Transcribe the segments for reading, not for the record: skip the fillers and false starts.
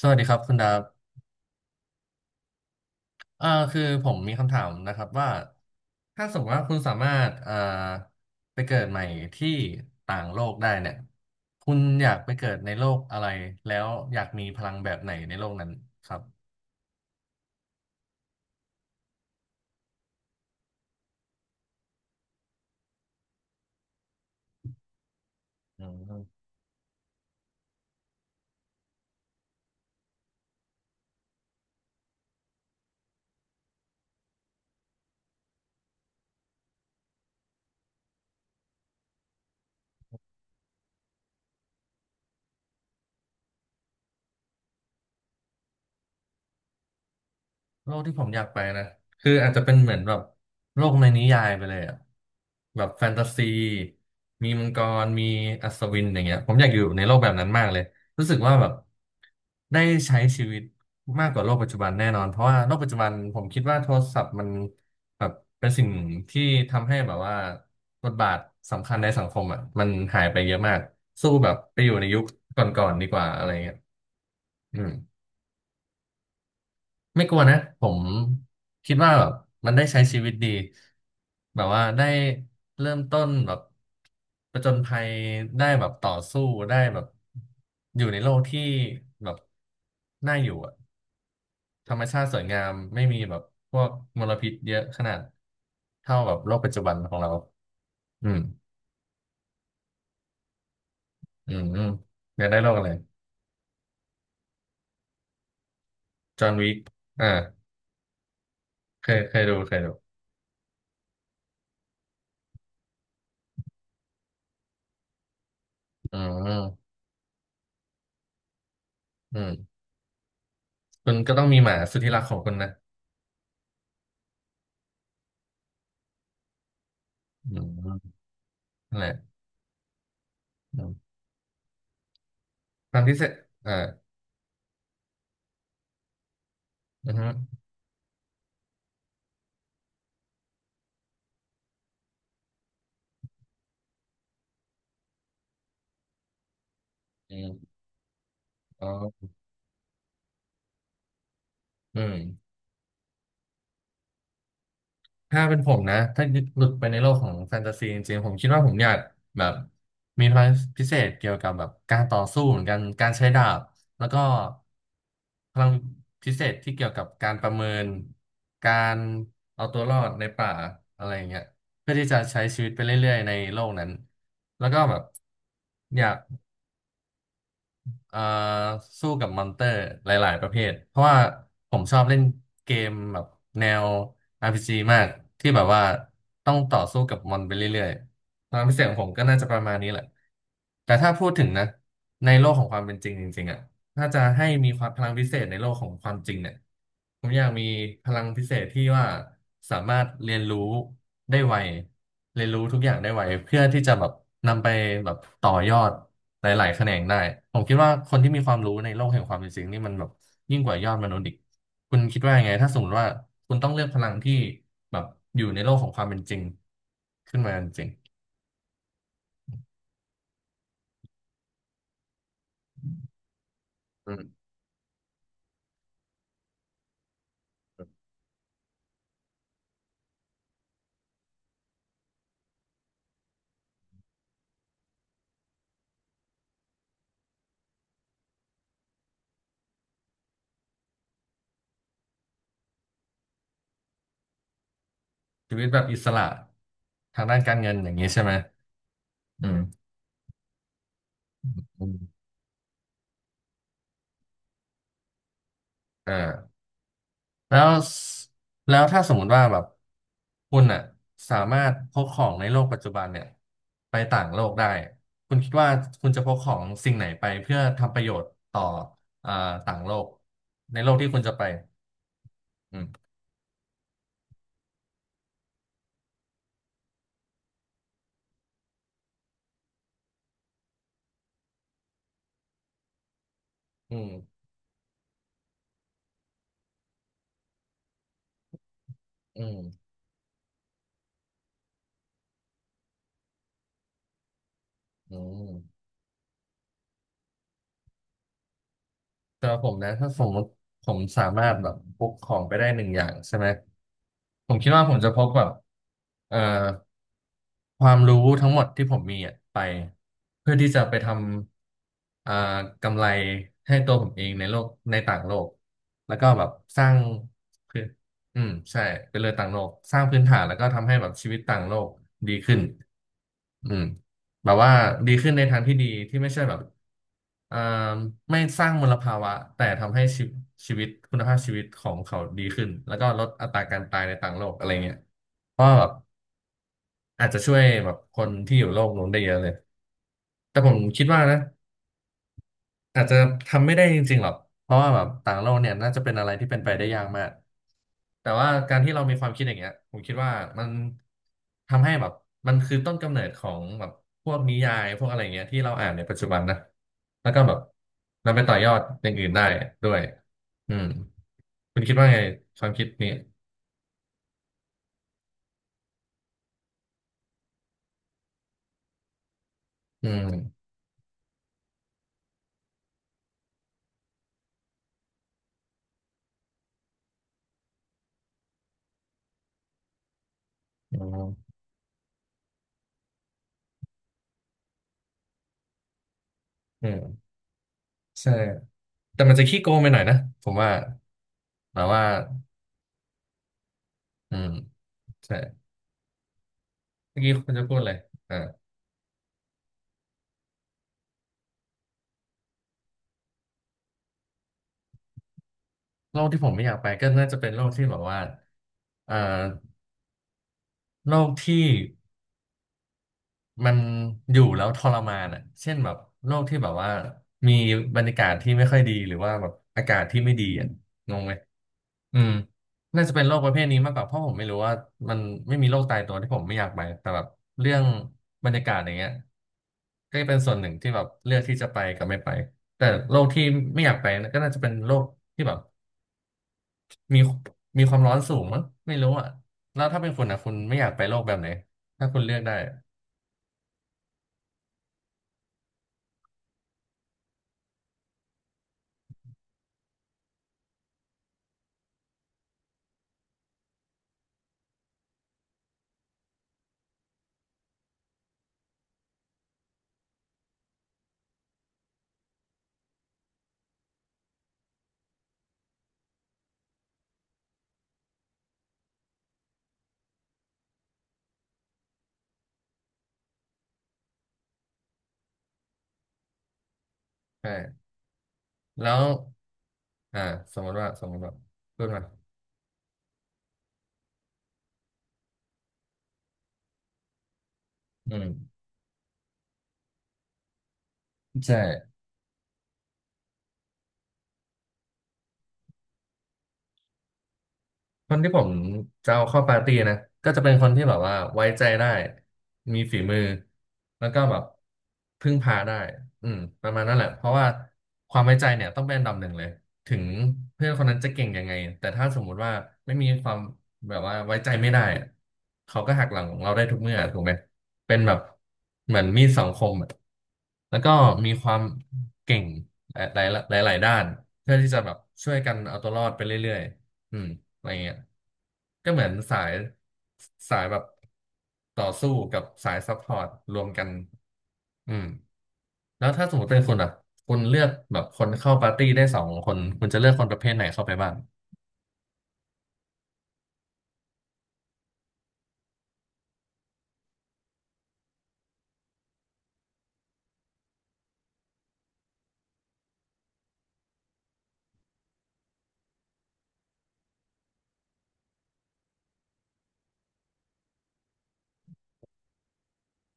สวัสดีครับคุณดาบเอ่อคือผมมีคำถามนะครับว่า ถ้าสมมติว่าคุณสามารถไปเกิดใหม่ที่ต่างโลกได้เนี่ยคุณอยากไปเกิดในโลกอะไรแล้วอยากมีพลังแบบไหนในโลกนั้นครับ โลกที่ผมอยากไปนะคืออาจจะเป็นเหมือนแบบโลกในนิยายไปเลยอะแบบแฟนตาซีมีมังกรมีอัศวินอย่างเงี้ยผมอยากอยู่ในโลกแบบนั้นมากเลยรู้สึกว่าแบบได้ใช้ชีวิตมากกว่าโลกปัจจุบันแน่นอนเพราะว่าโลกปัจจุบันผมคิดว่าโทรศัพท์มันแบบเป็นสิ่งที่ทำให้แบบว่าบทบาทสำคัญในสังคมอ่ะมันหายไปเยอะมากสู้แบบไปอยู่ในยุคก่อนๆดีกว่าอะไรเงี้ยอืม ไม่กลัวนะผมคิดว่าแบบมันได้ใช้ชีวิตดีแบบว่าได้เริ่มต้นแบบประจญภัยได้แบบต่อสู้ได้แบบอยู่ในโลกที่แบบน่าอยู่อะธรรมชาติสวยงามไม่มีแบบพวกมลพิษเยอะขนาดเท่าแบบโลกปัจจุบันของเราอืมอืมอืมอยากได้โลกอะไรจอห์นวิกอ่าเคยเคยดูเคยดูอืมอืมคุณก็ต้องมีหมาสุดที่รักของคุณนะอืมนั่นแหละ อืมความพิเศษอ่าอือฮึอืมอ๋ออืมถ้าเป็นผมนะถ้าหลุดไปในโลกของแฟนตาซีจริงๆผมคิดว่าผมอยากแบบมีพลังพิเศษเกี่ยวกับแบบการต่อสู้เหมือนกันการใช้ดาบแล้วก็พลังพิเศษที่เกี่ยวกับการประเมินการเอาตัวรอดในป่าอะไรอย่างเงี้ยเพื่อที่จะใช้ชีวิตไปเรื่อยๆในโลกนั้นแล้วก็แบบอยาก เอ่อสู้กับมอนเตอร์หลายๆประเภทเพราะว่าผมชอบเล่นเกมแบบแนว RPG มากที่แบบว่าต้องต่อสู้กับมอนไปเรื่อยๆความพิเศษของผมก็น่าจะประมาณนี้แหละแต่ถ้าพูดถึงนะในโลกของความเป็นจริงจริงๆอ่ะ ถ้าจะให้มีความพลังพิเศษในโลกของความจริงเนี่ยผมอยากมีพลังพิเศษที่ว่าสามารถเรียนรู้ได้ไวเรียนรู้ทุกอย่างได้ไวเพื่อที่จะแบบนำไปแบบต่อยอดหลายๆแขนงได้ผมคิดว่าคนที่มีความรู้ในโลกแห่งความเป็นจริงนี่มันแบบยิ่งกว่ายอดมนุษย์อีกคุณคิดว่ายังไงถ้าสมมติว่าคุณต้องเลือกพลังที่แบบอยู่ในโลกของความเป็นจริงขึ้นมาจริงอืมชีวิตแบบอิสระทางด้านการเงินอย่างนี้ใช่ไหมอืมอืมอ่า แล้วแล้วถ้าสมมติว่าแบบคุณอ่ะสามารถพกของในโลกปัจจุบันเนี่ยไปต่างโลกได้คุณคิดว่าคุณจะพกของสิ่งไหนไปเพื่อทำประโยชน์ต่ออ่าต่างโลกในโลกที่คุณจะไปอืมอืมอืมอืมแต่ว่าผมนะถ้าสมมติผมสามารถแบบพกของไปได้หนึ่งอย่างใช่ไหมผมคิดว่าผมจะพกแบบเอ่อ ความรู้ทั้งหมดที่ผมมีอะไปเพื่อที่จะไปทำกำไรให้ตัวผมเองในโลกในต่างโลกแล้วก็แบบสร้างคืออืมใช่เป็นเลยต่างโลกสร้างพื้นฐานแล้วก็ทำให้แบบชีวิตต่างโลกดีขึ้นอืมแบบว่าดีขึ้นในทางที่ดีที่ไม่ใช่แบบอ่าไม่สร้างมลภาวะแต่ทำให้ชีวิตคุณภาพชีวิตของเขาดีขึ้นแล้วก็ลดอัตราการตายในต่างโลกอะไรเงี้ยเพราะว่าแบบ อาจจะช่วยแบบคนที่อยู่โลกนู้นได้เยอะเลยแต่ผมคิดว่านะอาจจะทำไม่ได้จริงๆหรอกเพราะว่าแบบต่างโลกเนี่ยน่าจะเป็นอะไรที่เป็นไปได้ยากมากแต่ว่าการที่เรามีความคิดอย่างเงี้ยผมคิดว่ามันทำให้แบบมันคือต้นกำเนิดของแบบพวกนิยายพวกอะไรเงี้ยที่เราอ่านในปัจจุบันนะแล้วก็แบบนำไปต่อยอดอย่างอื่นได้ด้วยอืมคุณคิดว่าไงความคิดนี้อืมอืมอืมใช่แต่มันจะขี้โกงไปหน่อยนะผมว่าแบบว่า อืมใช่เมื่อกี้คุณจะพูดเลยอ่าโลกที่ผมไม่อยากไปก็น่าจะเป็นโลกที่แบบว่าเอ่อโลกที่มันอยู่แล้วทรมานอ่ะเช่นแบบโลกที่แบบว่ามีบรรยากาศที่ไม่ค่อยดีหรือว่าแบบอากาศที่ไม่ดีอ่ะงงไหมอืมน่าจะเป็นโรคประเภทนี้มากกว่าเพราะผมไม่รู้ว่ามันไม่มีโรคตายตัวที่ผมไม่อยากไปแต่แบบเรื่องบรรยากาศอย่างเงี้ยก็จะเป็นส่วนหนึ่งที่แบบเลือกที่จะไปกับไม่ไปแต่โรคที่ไม่อยากไปนะก็น่าจะเป็นโรคที่แบบ มีมีความร้อนสูงมั้งไม่รู้อ่ะแล้วถ้าเป็นคุณอ่ะคุณไม่อยากไปโลกแบบไหนถ้าคุณเลือกได้อะใช่แล้วอ่าสมมติว่าพูดมาอืมใช่ คนที่ผมจะเอาเข้าปาร์ตี้นะก็จะเป็นคนที่แบบว่าไว้ใจได้มีฝีมือแล้วก็แบบพึ่งพาได้อืมประมาณนั้นแหละเพราะว่าความไว้ใจเนี่ยต้องเป็นอันดับหนึ่งเลยถึงเพื่อนคนนั้นจะเก่งยังไงแต่ถ้าสมมุติว่าไม่มีความแบบว่าไว้ใจไม่ได้อะเขาก็หักหลังเราได้ทุกเมื่อถูกไหมเป็นแบบเหมือนมีดสองคมอะแล้วก็มีความเก่งหลายหหลายๆด้านเพื่อที่จะแบบช่วยกันเอาตัวรอดไปเรื่อยๆอืม อะไรเงี้ยก็เหมือนสายแบบต่อสู้กับสายซัพพอร์ตรวมกันอืมแล้วถ้าสมมติเป็นคุณอ่ะคุณเลือกแบบคนเข้าปาร์ตี้ได้สองคน คุณจะเลือกคนประเภทไหนเข้าไปบ้าง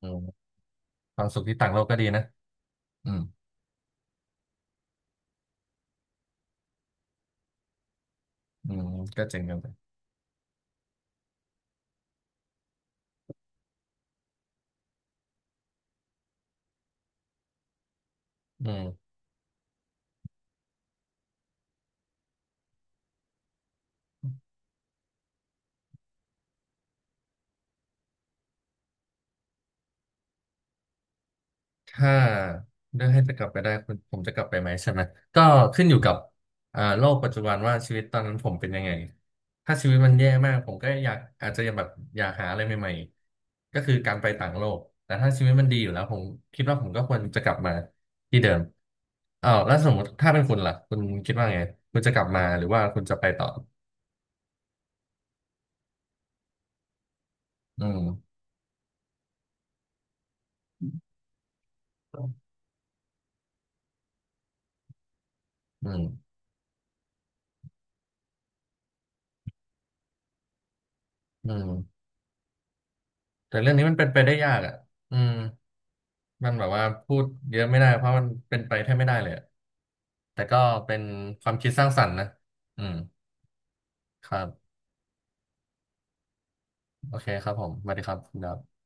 อืมความสุขที่ต่างโลกก็ดีนะอืมอืมก็เจ๋งกันไปอืม ถ้าเลือกให้จะกลับไปได้คุณผมจะกลับไปไหมใช่ไหมก็ขึ้นอยู่กับอ่าโลกปัจจุบันว่าชีวิตตอนนั้นผมเป็นยังไงถ้าชีวิตมันแย่มากผมก็อยากอาจจะยังแบบอยากหาอะไรใหม่ๆก็คือการไปต่างโลกแต่ถ้าชีวิตมันดีอยู่แล้วผมคิดว่าผมก็ควรจะกลับมาที่เดิมอ้าวแล้วสมมติถ้าเป็นคุณล่ะคุณคิดว่าไงคุณจะกลับมาหรือว่าคุณจะไปต่ออืมอืมอืมแต่เรื่องนี้มันเป็นไปได้ยากอ่ะอืม มันแบบว่าพูดเยอะไม่ได้เพราะมันเป็นไปแทบไม่ได้เลยอะแต่ก็เป็นความคิดสร้างสรรค์นะอืมครับโอเคครับผมสวัสดีครับคุณดับ